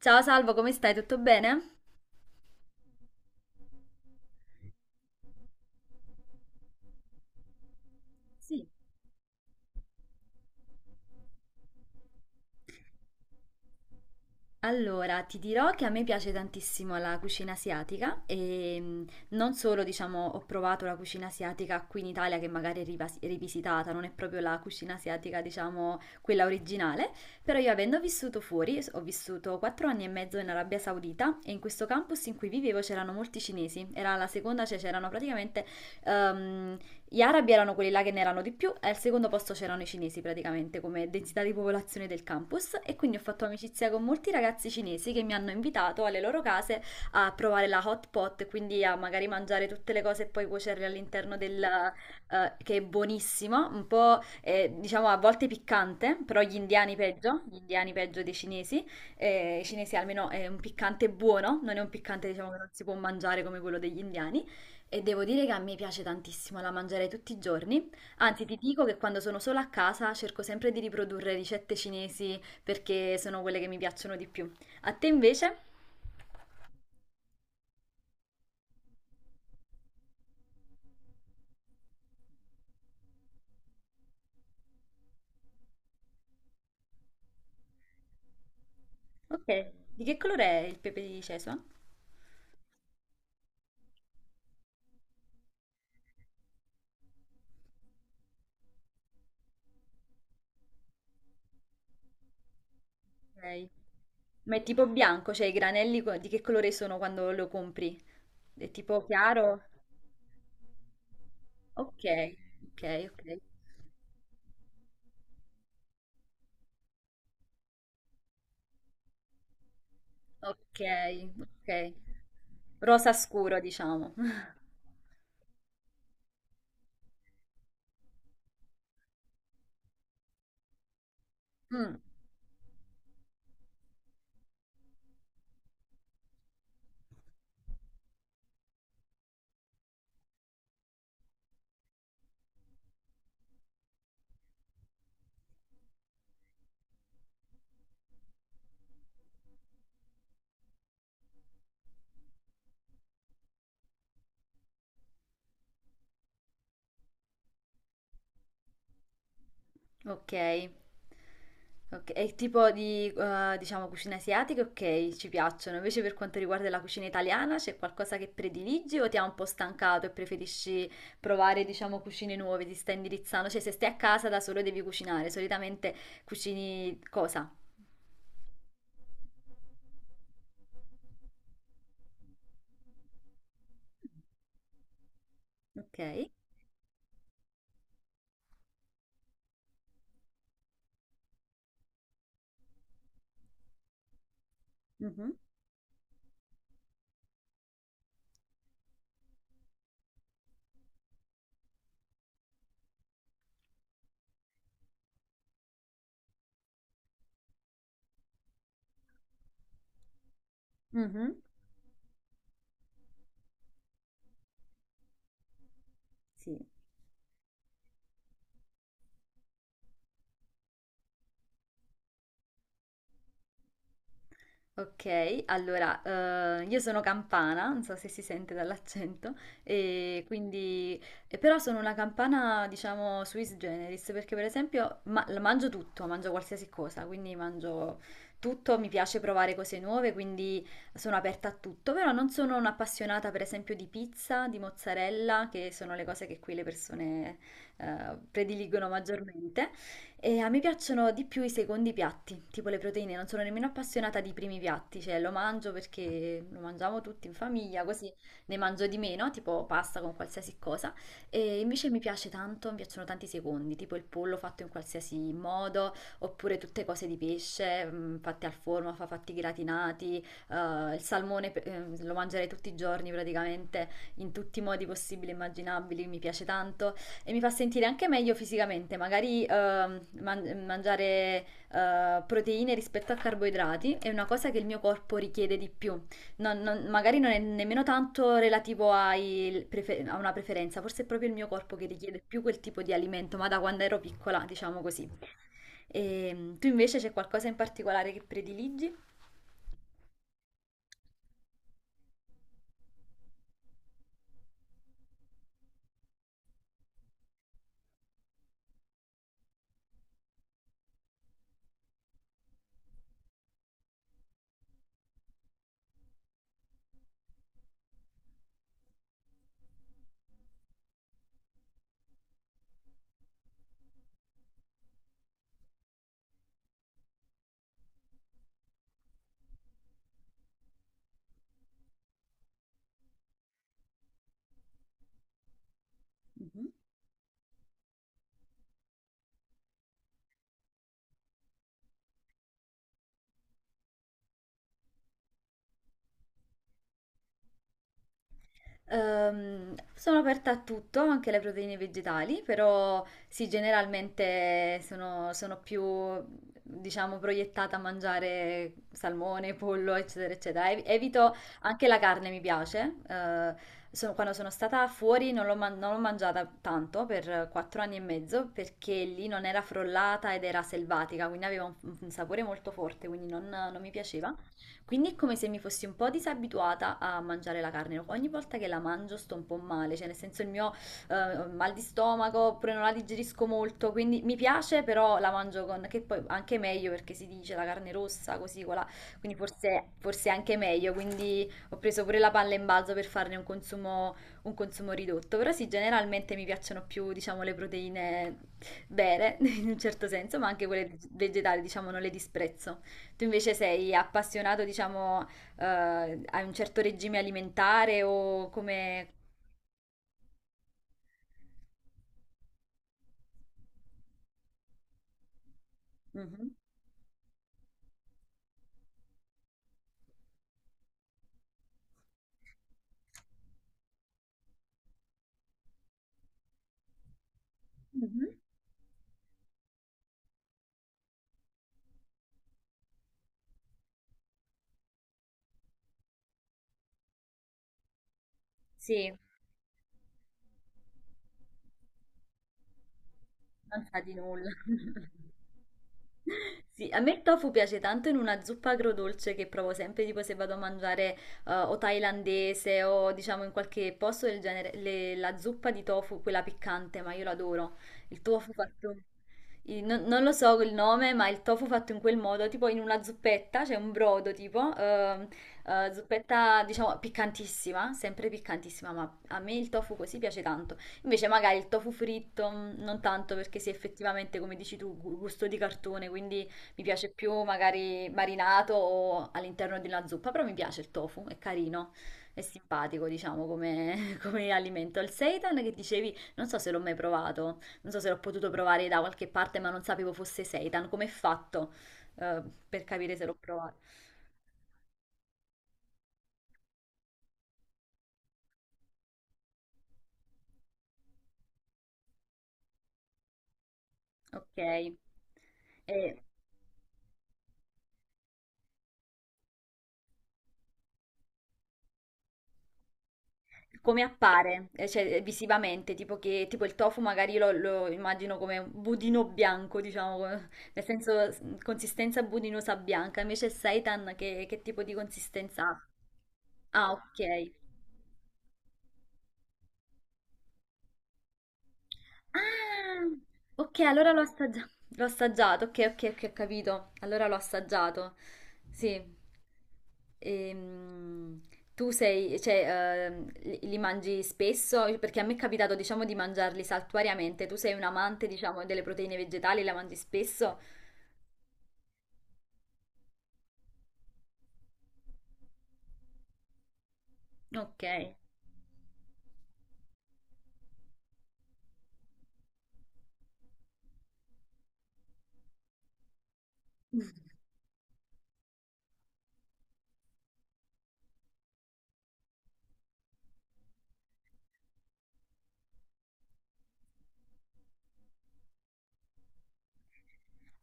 Ciao Salvo, come stai? Tutto bene? Sì, allora, ti dirò che a me piace tantissimo la cucina asiatica e non solo, diciamo, ho provato la cucina asiatica qui in Italia che magari è rivisitata, non è proprio la cucina asiatica, diciamo, quella originale, però io avendo vissuto fuori, ho vissuto 4 anni e mezzo in Arabia Saudita e in questo campus in cui vivevo c'erano molti cinesi, era la seconda, cioè c'erano praticamente ehm, gli arabi erano quelli là che ne erano di più e al secondo posto c'erano i cinesi praticamente come densità di popolazione del campus e quindi ho fatto amicizia con molti ragazzi cinesi che mi hanno invitato alle loro case a provare la hot pot, quindi a magari mangiare tutte le cose e poi cuocerle all'interno che è buonissimo, un po' diciamo a volte piccante, però gli indiani peggio dei cinesi, i cinesi almeno è un piccante buono, non è un piccante diciamo che non si può mangiare come quello degli indiani. E devo dire che a me piace tantissimo, la mangerei tutti i giorni. Anzi, ti dico che quando sono sola a casa cerco sempre di riprodurre ricette cinesi perché sono quelle che mi piacciono di più. A te invece? Ok, di che colore è il pepe di Cesua? Ok. Ma è tipo bianco, cioè i granelli di che colore sono quando lo compri? È tipo chiaro? Ok, ok, ok. Ok, ok. Rosa scuro, diciamo. Mm. Ok. Ok, e il tipo di, diciamo, cucina asiatica, ok, ci piacciono. Invece per quanto riguarda la cucina italiana, c'è qualcosa che prediligi o ti ha un po' stancato e preferisci provare, diciamo, cucine nuove, ti stai indirizzando? Cioè, se stai a casa da solo devi cucinare, solitamente cucini cosa? Ok. Mhm. Mhm. Sì. Ok, allora, io sono campana, non so se si sente dall'accento, e quindi, e però sono una campana, diciamo, sui generis, perché per esempio mangio tutto, mangio qualsiasi cosa, quindi mangio tutto, mi piace provare cose nuove, quindi sono aperta a tutto, però non sono un'appassionata per esempio di pizza, di mozzarella, che sono le cose che qui le persone prediligono maggiormente. E a me piacciono di più i secondi piatti, tipo le proteine, non sono nemmeno appassionata di primi piatti, cioè lo mangio perché lo mangiamo tutti in famiglia, così ne mangio di meno, tipo pasta con qualsiasi cosa. E invece mi piace tanto, mi piacciono tanti secondi, tipo il pollo fatto in qualsiasi modo, oppure tutte cose di pesce, fatte al forno, fatti gratinati, il salmone lo mangerei tutti i giorni praticamente, in tutti i modi possibili e immaginabili, mi piace tanto. E mi fa sentire anche meglio fisicamente, magari mangiare proteine rispetto a carboidrati è una cosa che il mio corpo richiede di più. Magari non è nemmeno tanto relativo a una preferenza, forse è proprio il mio corpo che richiede più quel tipo di alimento, ma da quando ero piccola, diciamo così. E, tu invece c'è qualcosa in particolare che prediligi? Mhm. Sono aperta a tutto, anche alle proteine vegetali, però sì, generalmente sono più, diciamo, proiettata a mangiare salmone, pollo, eccetera, eccetera. Evito anche la carne, mi piace. Quando sono stata fuori non l'ho non l'ho mangiata tanto per 4 anni e mezzo perché lì non era frollata ed era selvatica, quindi aveva un sapore molto forte, quindi non mi piaceva. Quindi è come se mi fossi un po' disabituata a mangiare la carne. Ogni volta che la mangio sto un po' male, cioè nel senso il mio mal di stomaco, oppure non la digerisco molto, quindi mi piace, però la mangio con, che poi anche meglio perché si dice la carne rossa, così, quella, quindi forse, forse è anche meglio. Quindi ho preso pure la palla in balzo per farne un consumo ridotto. Però sì, generalmente mi piacciono più, diciamo, le proteine vere, in un certo senso, ma anche quelle vegetali, diciamo, non le disprezzo. Tu invece sei appassionato, diciamo, a un certo regime alimentare o come... Mhm, mhm. Sì, non sa di nulla. Sì, a me il tofu piace tanto in una zuppa agrodolce che provo sempre, tipo se vado a mangiare o thailandese o diciamo in qualche posto del genere, la zuppa di tofu, quella piccante, ma io l'adoro. Il tofu fatto, non lo so il nome, ma il tofu fatto in quel modo, tipo in una zuppetta, c'è un brodo tipo, zuppetta diciamo piccantissima, sempre piccantissima, ma a me il tofu così piace tanto. Invece magari il tofu fritto non tanto perché sì, effettivamente, come dici tu, gusto di cartone, quindi mi piace più magari marinato o all'interno di una zuppa, però mi piace il tofu, è carino, è simpatico, diciamo, come, come alimento. Il seitan che dicevi, non so se l'ho mai provato, non so se l'ho potuto provare da qualche parte, ma non sapevo fosse seitan, come è fatto, eh, per capire se l'ho provato. Ok. E come appare, cioè visivamente, tipo che tipo il tofu magari lo immagino come un budino bianco, diciamo, nel senso consistenza budinosa bianca, invece il seitan che tipo di consistenza ha? Ah, ok. Ah, ok, allora l'ho assaggiato. L'ho assaggiato, ok, ok, ok, ho capito. Allora l'ho assaggiato. Sì. Ehm, Tu sei, cioè, li mangi spesso? Perché a me è capitato, diciamo, di mangiarli saltuariamente. Tu sei un amante, diciamo, delle proteine vegetali, la mangi spesso? Ok.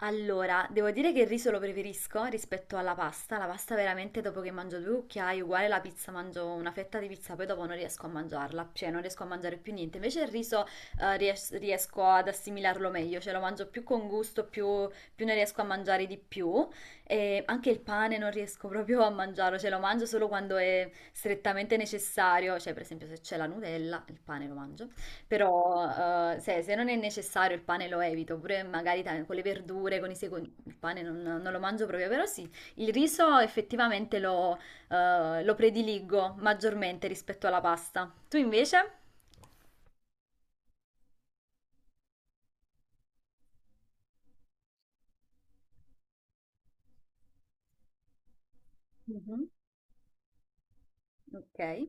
Allora, devo dire che il riso lo preferisco rispetto alla pasta. La pasta veramente dopo che mangio 2 cucchiai, uguale la pizza, mangio una fetta di pizza, poi dopo non riesco a mangiarla, cioè non riesco a mangiare più niente. Invece il riso riesco ad assimilarlo meglio, cioè lo mangio più con gusto, più, ne riesco a mangiare di più. E anche il pane non riesco proprio a mangiarlo, cioè lo mangio solo quando è strettamente necessario, cioè per esempio se c'è la Nutella, il pane lo mangio. Però se non è necessario il pane lo evito, pure magari con le verdure, con i secondi, il pane non lo mangio proprio, però sì, il riso effettivamente lo prediligo maggiormente rispetto alla pasta. Tu invece? Mhm. Ok.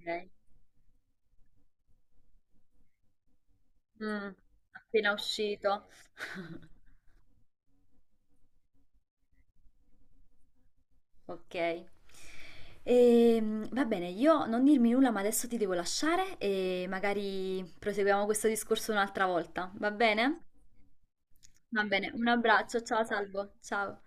Ok. Mm, Appena uscito. Ok. Va bene, io non dirmi nulla, ma adesso ti devo lasciare e magari proseguiamo questo discorso un'altra volta, va bene? Va bene, un abbraccio, ciao Salvo, ciao.